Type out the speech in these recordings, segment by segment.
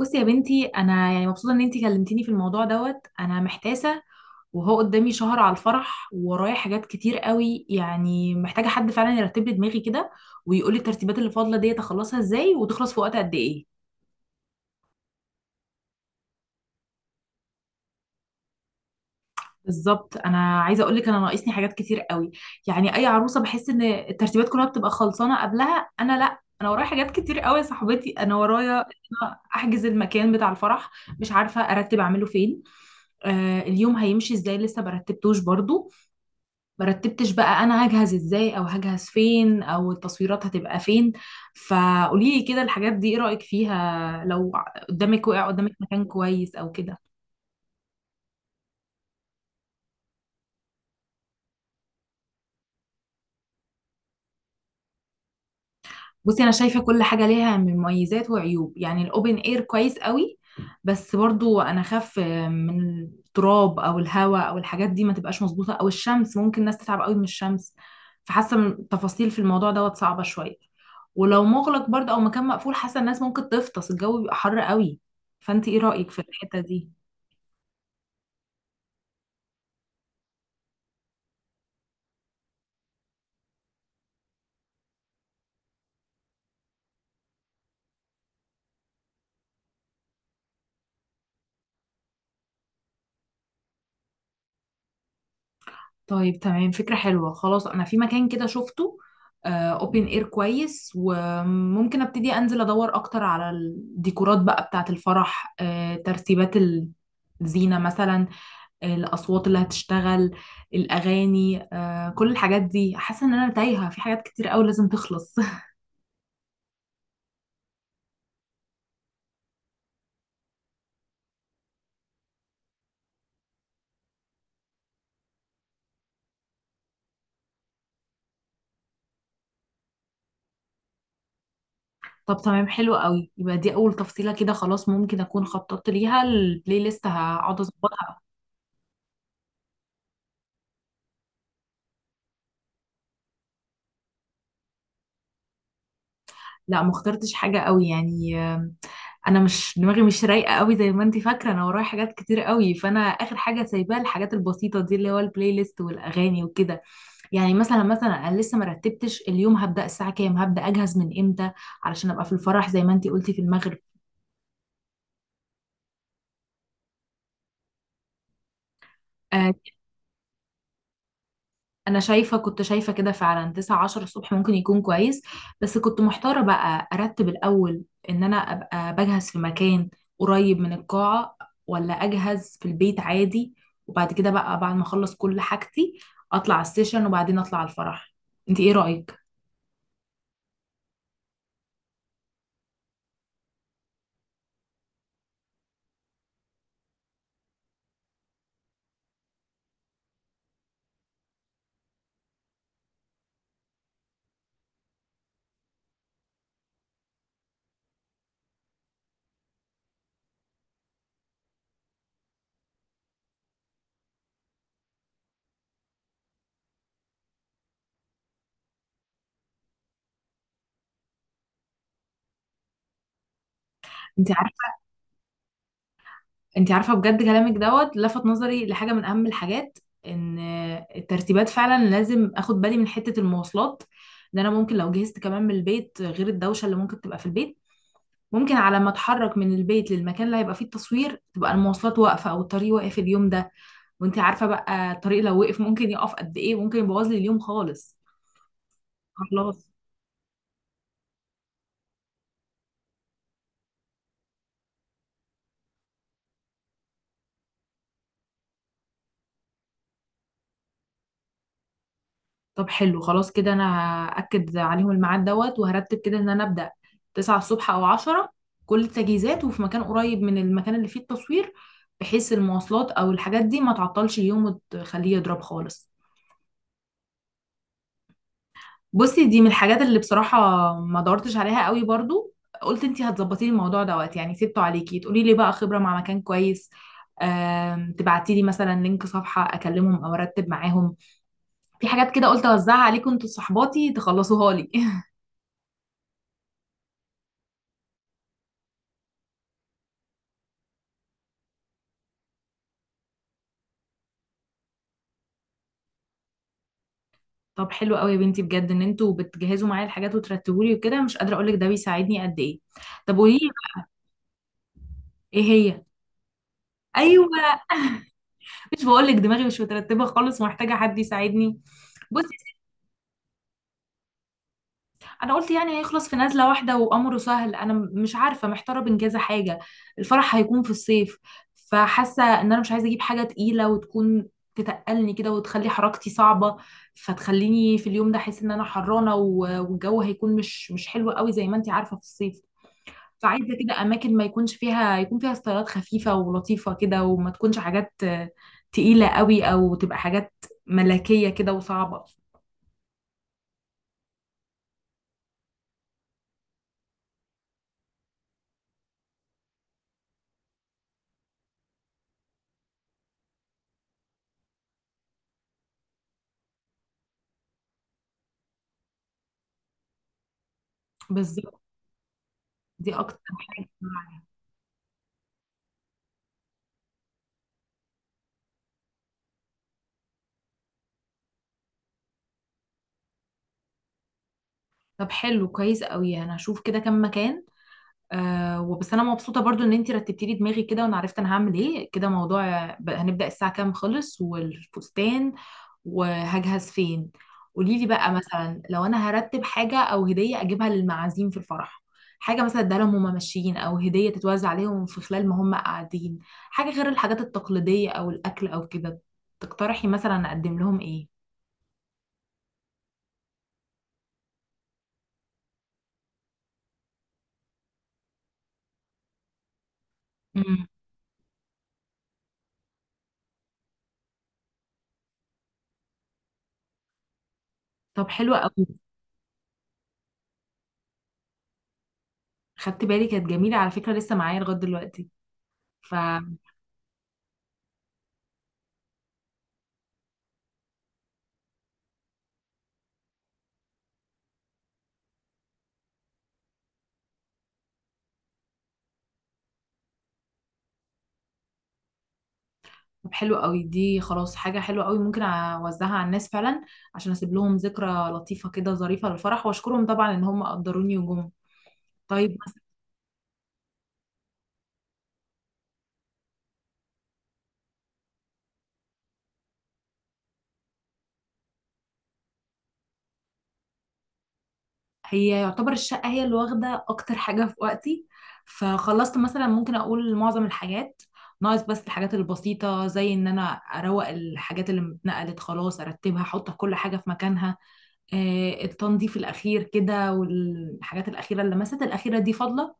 بصي يا بنتي، انا يعني مبسوطه ان انتي كلمتيني في الموضوع دوت. انا محتاسه وهو قدامي شهر على الفرح، وورايا حاجات كتير قوي. يعني محتاجه حد فعلا يرتب لي دماغي كده ويقول لي الترتيبات اللي فاضله ديت اخلصها ازاي وتخلص في وقت قد ايه؟ بالظبط، انا عايزه اقول لك انا ناقصني حاجات كتير قوي. يعني اي عروسه بحس ان الترتيبات كلها بتبقى خلصانه قبلها، انا لا، انا ورايا حاجات كتير قوي يا صاحبتي. انا ورايا إن أنا احجز المكان بتاع الفرح، مش عارفه ارتب اعمله فين. آه، اليوم هيمشي ازاي لسه مرتبتوش برضو. مرتبتش بقى. انا هجهز ازاي او هجهز فين او التصويرات هتبقى فين؟ فقولي لي كده الحاجات دي، ايه رايك فيها؟ لو قدامك وقع قدامك مكان كويس او كده. بصي، انا شايفه كل حاجه ليها من مميزات وعيوب. يعني الاوبن اير كويس قوي، بس برضو انا خاف من التراب او الهواء او الحاجات دي ما تبقاش مظبوطه، او الشمس ممكن الناس تتعب قوي من الشمس. فحاسه التفاصيل في الموضوع دوت صعبه شويه. ولو مغلق برضو او مكان مقفول، حاسه الناس ممكن تفطس، الجو بيبقى حر قوي. فانت ايه رايك في الحته دي؟ طيب، تمام، فكرة حلوة، خلاص. أنا في مكان كده شفته، اوبن اير كويس، وممكن ابتدي انزل ادور اكتر على الديكورات بقى بتاعة الفرح. ترتيبات الزينة مثلا، الاصوات اللي هتشتغل، الاغاني. كل الحاجات دي حاسة ان انا تايهة في حاجات كتير قوي لازم تخلص. طب، تمام، حلو قوي. يبقى دي اول تفصيلة كده، خلاص ممكن اكون خططت ليها. البلاي ليست هقعد اظبطها. لا، ما اخترتش حاجة قوي يعني. انا مش دماغي مش رايقه قوي زي ما انت فاكره. انا ورايا حاجات كتير قوي، فانا اخر حاجه سايباها الحاجات البسيطه دي اللي هو البلاي ليست والاغاني وكده. يعني مثلا انا لسه ما رتبتش اليوم. هبدا الساعه كام؟ هبدا اجهز من امتى علشان ابقى في الفرح زي ما انت قلتي في المغرب؟ آه، انا شايفه كنت شايفه كده فعلا 9 10 الصبح ممكن يكون كويس. بس كنت محتاره بقى ارتب الاول: ان انا ابقى بجهز في مكان قريب من القاعه، ولا اجهز في البيت عادي، وبعد كده بقى بعد ما اخلص كل حاجتي اطلع السيشن وبعدين اطلع على الفرح. انت ايه رايك؟ انت عارفه، انت عارفه بجد كلامك دوت لفت نظري لحاجه من اهم الحاجات. ان الترتيبات فعلا لازم اخد بالي من حته المواصلات. ان انا ممكن لو جهزت كمان من البيت، غير الدوشه اللي ممكن تبقى في البيت، ممكن على ما اتحرك من البيت للمكان اللي هيبقى فيه التصوير تبقى المواصلات واقفة او الطريق واقف اليوم ده. وانت عارفة بقى الطريق لو وقف ممكن يقف قد ايه. ممكن يبوظ لي اليوم خالص. خلاص. طب، حلو، خلاص كده. انا هأكد عليهم الميعاد دوت، وهرتب كده ان انا ابدأ 9 الصبح او 10، كل التجهيزات وفي مكان قريب من المكان اللي فيه التصوير، بحيث المواصلات او الحاجات دي ما تعطلش اليوم وتخليه يضرب خالص. بصي، دي من الحاجات اللي بصراحة ما دورتش عليها قوي برضو. قلت انتي هتظبطي لي الموضوع دوت، يعني سبته عليكي تقولي لي بقى خبرة مع مكان كويس، تبعتي لي مثلا لينك صفحة اكلمهم او ارتب معاهم. في حاجات كده قلت اوزعها عليكم انتوا صحباتي تخلصوها لي. طب، حلو قوي يا بنتي، بجد ان انتوا بتجهزوا معايا الحاجات وترتبوا لي وكده، مش قادرة اقول لك ده بيساعدني قد ايه. طب قولي لي. ايه هي؟ ايوه. مش بقول لك دماغي مش مترتبة خالص ومحتاجة حد يساعدني. بصي، انا قلت يعني هيخلص في نزله واحده وامره سهل. انا مش عارفه، محتاره بين كذا حاجه. الفرح هيكون في الصيف، فحاسه ان انا مش عايزه اجيب حاجه تقيله وتكون تتقلني كده وتخلي حركتي صعبه، فتخليني في اليوم ده احس ان انا حرانه، والجو هيكون مش حلو قوي زي ما انت عارفه في الصيف. فعايزه كده اماكن ما يكونش فيها، يكون فيها ستايلات خفيفه ولطيفه كده، وما تكونش حاجات تقيله قوي، او تبقى حاجات ملكيه كده وصعبه. بالظبط. دي اكتر حاجه. طب حلو، كويس قوي، انا هشوف كده كام مكان. آه، وبس انا مبسوطه برضو ان انتي رتبتي لي دماغي كده، وانا عرفت انا هعمل ايه كده. موضوع هنبدا الساعه كام، خلص، والفستان، وهجهز فين. قولي لي بقى مثلا لو انا هرتب حاجه او هديه اجيبها للمعازيم في الفرح. حاجه مثلا اديها لهم وهم ماشيين، او هديه تتوزع عليهم في خلال ما هم قاعدين، حاجه غير الحاجات التقليديه او الاكل او كده. تقترحي مثلا اقدم لهم ايه؟ امم. طب حلو قوي. خدت بالي، كانت جميلة على فكرة، لسه معايا لغاية دلوقتي. ف طب حلو قوي. دي خلاص حاجة حلوة قوي، ممكن اوزعها على الناس فعلا عشان اسيب لهم ذكرى لطيفة كده، ظريفة للفرح، واشكرهم طبعا ان هم قدروني وجم. طيب مثلا. هي يعتبر الشقة هي اللي واخدة اكتر حاجة في وقتي، فخلصت مثلا ممكن اقول معظم الحاجات. ناقص بس الحاجات البسيطة، زي ان انا اروق الحاجات اللي اتنقلت خلاص، ارتبها، احط كل حاجة في مكانها. التنظيف الأخير كده والحاجات الأخيرة، اللمسات الأخيرة دي فاضلة.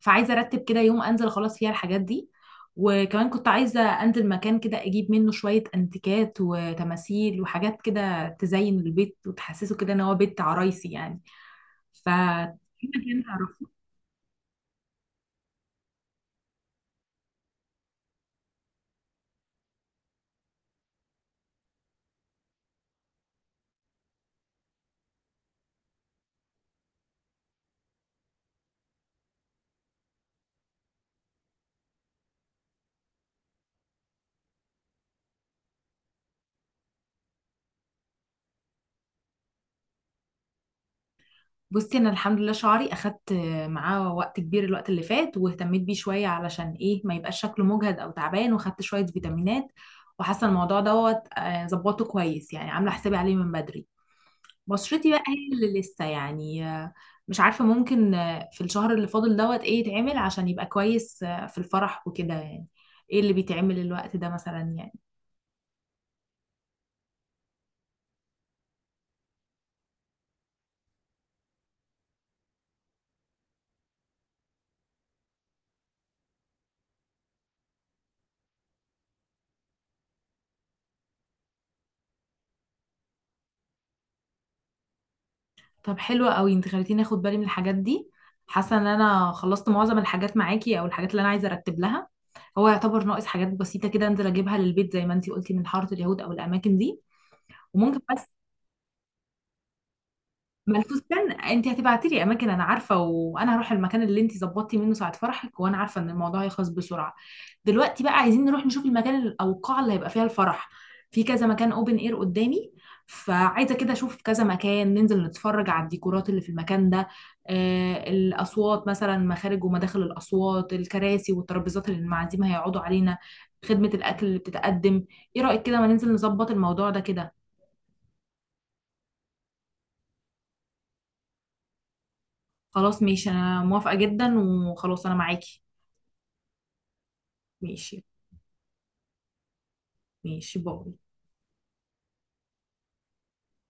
فعايزة أرتب كده يوم أنزل خلاص فيها الحاجات دي. وكمان كنت عايزة أنزل مكان كده أجيب منه شوية أنتيكات وتماثيل وحاجات كده تزين البيت وتحسسه كده إن هو بيت عرايسي يعني. ف بصي، انا الحمد لله شعري اخدت معاه وقت كبير الوقت اللي فات، واهتميت بيه شويه علشان ايه ما يبقاش شكله مجهد او تعبان، واخدت شويه فيتامينات. وحاسه الموضوع دوت ظبطه كويس، يعني عامله حسابي عليه من بدري. بشرتي بقى هي اللي لسه يعني، مش عارفه ممكن في الشهر اللي فاضل دوت ايه يتعمل عشان يبقى كويس في الفرح وكده يعني. ايه اللي بيتعمل الوقت ده مثلا يعني؟ طب حلوة قوي، انت خليتيني اخد بالي من الحاجات دي. حاسة ان انا خلصت معظم الحاجات معاكي، او الحاجات اللي انا عايزة ارتب لها. هو يعتبر ناقص حاجات بسيطة كده، انزل اجيبها للبيت زي ما انت قلتي من حارة اليهود او الاماكن دي. وممكن بس. ما الفستان، انت هتبعتي لي اماكن انا عارفه، وانا هروح المكان اللي انت ظبطتي منه ساعه فرحك، وانا عارفه ان الموضوع هيخلص بسرعه. دلوقتي بقى عايزين نروح نشوف المكان او القاعه اللي هيبقى فيها الفرح. في كذا مكان اوبن اير قدامي، فعايزه كده اشوف كذا مكان، ننزل نتفرج على الديكورات اللي في المكان ده. آه، الاصوات مثلا، مخارج ومداخل الاصوات، الكراسي والترابيزات اللي المعازيم هيقعدوا علينا، خدمه الاكل اللي بتتقدم. ايه رايك كده ما ننزل نظبط الموضوع ده كده؟ خلاص ماشي، انا موافقه جدا، وخلاص انا معاكي. ماشي. ماشي، باي.